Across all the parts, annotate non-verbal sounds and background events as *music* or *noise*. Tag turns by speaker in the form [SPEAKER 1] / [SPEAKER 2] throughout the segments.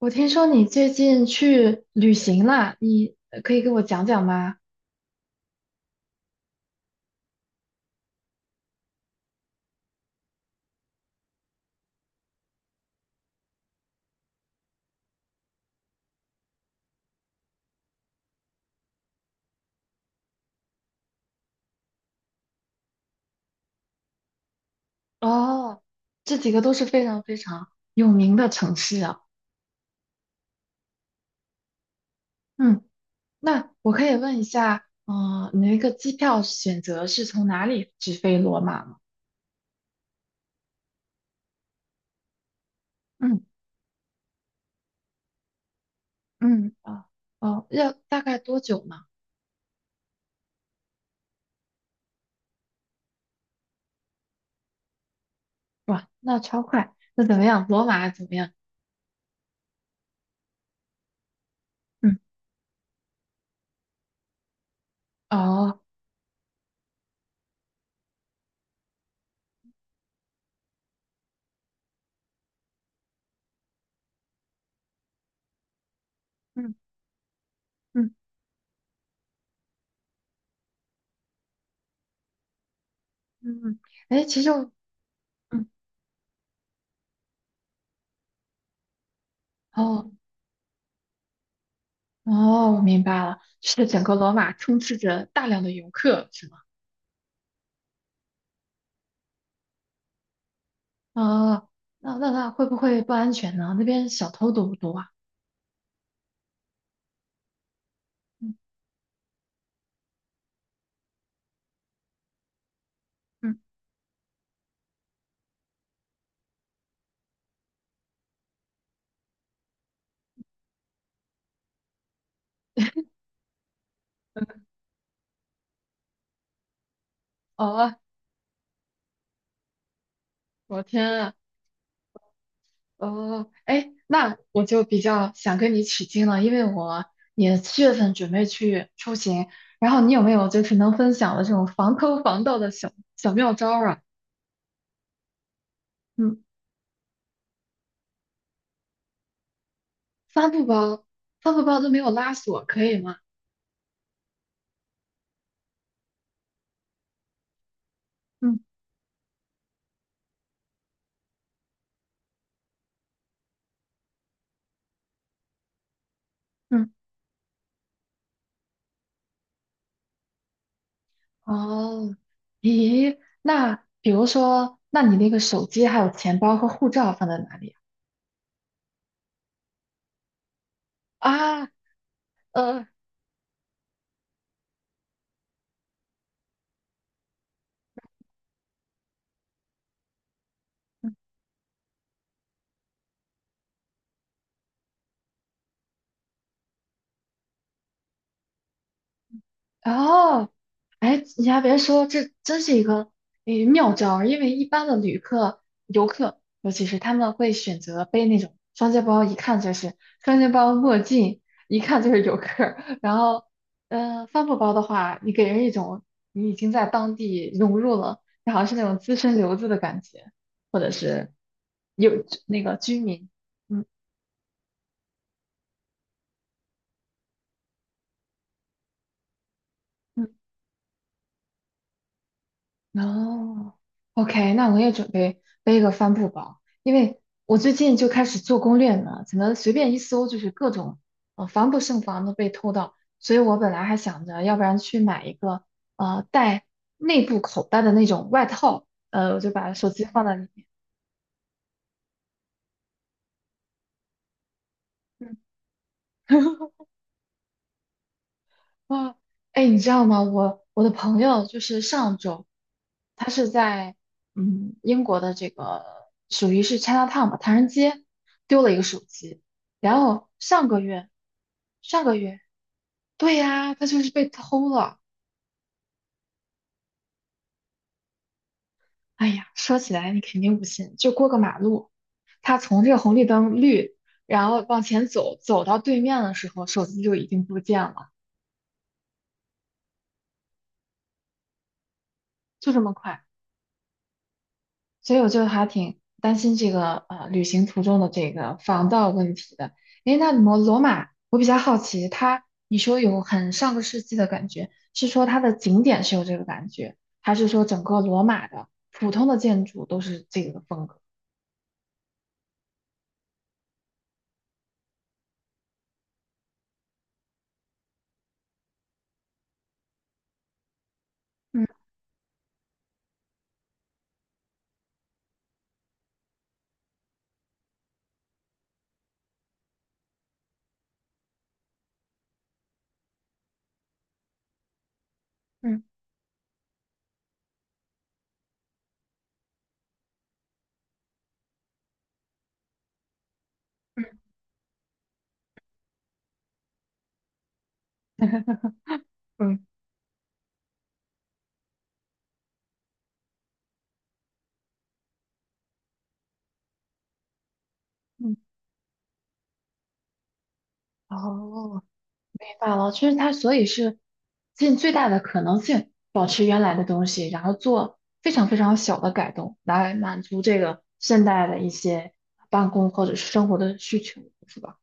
[SPEAKER 1] 我听说你最近去旅行了，你可以给我讲讲吗？哦，这几个都是非常非常有名的城市啊。嗯，那我可以问一下，你那个机票选择是从哪里直飞罗马吗？嗯，嗯，啊，哦，要大概多久呢？哇，那超快。那怎么样？罗马怎么样？嗯，哦，嗯嗯嗯，嗯，哎，其实我，嗯，哦。哦，我明白了，是整个罗马充斥着大量的游客，是吗？啊、那会不会不安全呢？那边小偷多不多啊？嗯嗯，哦，我天啊，哦，哎，那我就比较想跟你取经了，因为我也7月份准备去出行，然后你有没有就是能分享的这种防偷防盗的小小妙招儿啊？嗯，帆布包，帆布包都没有拉锁，可以吗？嗯嗯。哦，咦，那比如说，那你那个手机还有钱包和护照放在哪里啊，啊呃，哦，哎，你还别说，这真是一个诶妙招儿因为一般的旅客、游客，尤其是他们会选择背那种双肩包，一看就是双肩包、墨镜，一看就是游客儿然后，嗯，帆布包的话，你给人一种你已经在当地融入了，你好像是那种资深留子的感觉，或者是有那个居民，嗯，嗯，哦，OK,那我也准备背个帆布包，因为我最近就开始做攻略呢，怎么随便一搜就是各种，防不胜防的被偷盗，所以我本来还想着，要不然去买一个，带内部口袋的那种外套，我就把手机放在里面，嗯 *laughs* 啊，哎，你知道吗？我的朋友就是上周，他是在英国的这个属于是 Chinatown 吧，唐人街丢了一个手机，然后上个月对呀，他就是被偷了。哎呀，说起来你肯定不信，就过个马路，他从这个红绿灯绿，然后往前走，走到对面的时候，手机就已经不见了，就这么快。所以我就还挺担心这个旅行途中的这个防盗问题的。诶，那罗马，我比较好奇，它你说有很上个世纪的感觉，是说它的景点是有这个感觉，还是说整个罗马的普通的建筑都是这个风格？嗯嗯嗯嗯，哦，罢了，就是它，所以是尽最大的可能性保持原来的东西，然后做非常非常小的改动，来满足这个现代的一些办公或者是生活的需求，是吧？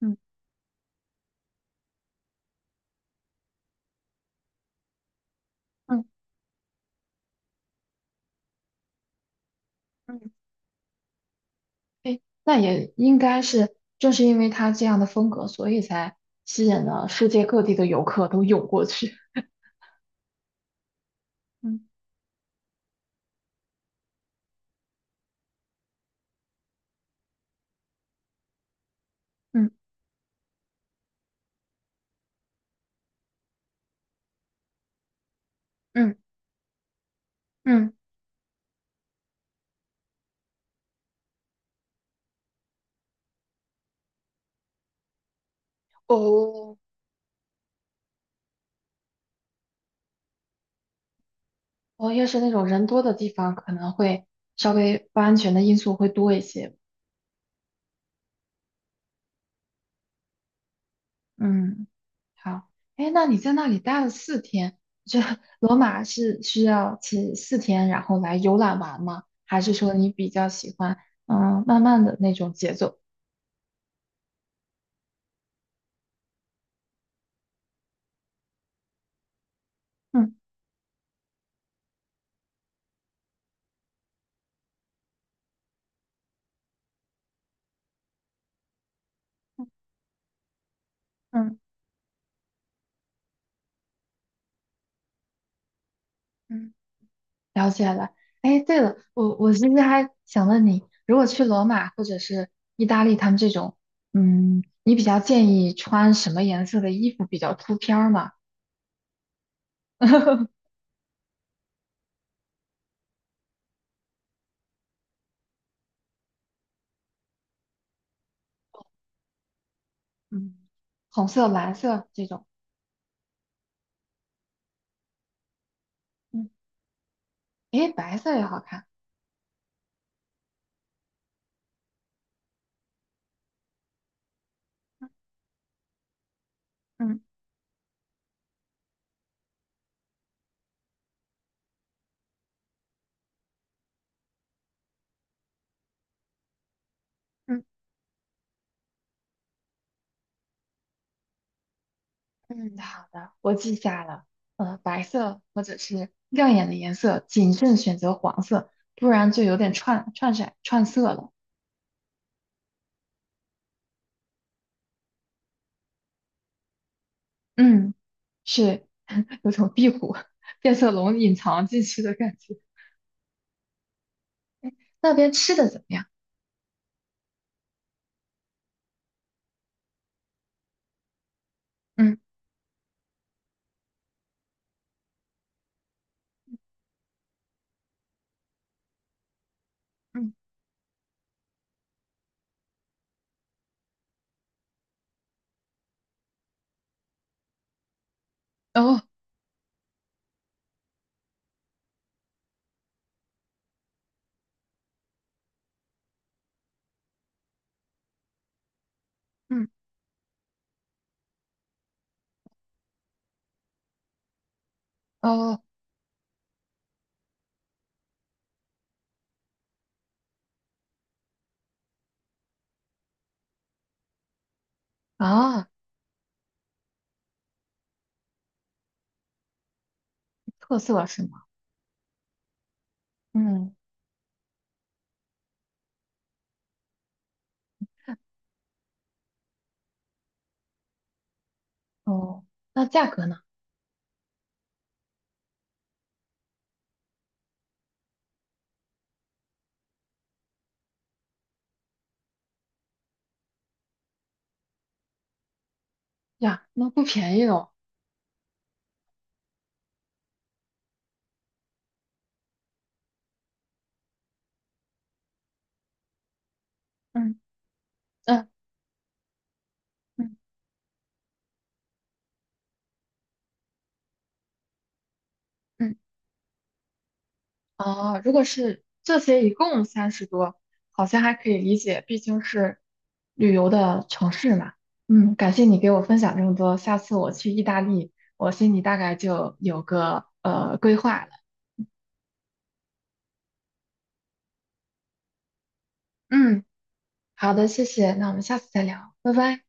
[SPEAKER 1] 嗯，嗯嗯，哎，那也应该是，正是因为它这样的风格，所以才吸引了世界各地的游客都涌过去。嗯嗯嗯嗯，哦，哦，越是那种人多的地方，可能会稍微不安全的因素会多一些。嗯。好，哎，那你在那里待了四天，这罗马是需要去四天，然后来游览完吗？还是说你比较喜欢嗯慢慢的那种节奏？嗯，嗯嗯了解了。哎，对了，我其实还想问你，如果去罗马或者是意大利他们这种，嗯，你比较建议穿什么颜色的衣服比较出片儿吗？*laughs* 嗯红色、蓝色这种，嗯哎，白色也好看。嗯嗯。嗯，好的，我记下了。呃，白色或者是亮眼的颜色，谨慎选择黄色，不然就有点串串色串色了。嗯，是 *laughs* 有种壁虎、变色龙隐藏进去的感觉。哎，那边吃的怎么样？嗯嗯，哦，嗯哦啊，特色是吗？嗯哦，那价格呢？呀，那不便宜哦。嗯嗯嗯嗯。啊，如果是这些一共30多，好像还可以理解，毕竟是旅游的城市嘛。嗯，感谢你给我分享这么多，下次我去意大利，我心里大概就有个规划了。嗯，好的，谢谢，那我们下次再聊，拜拜。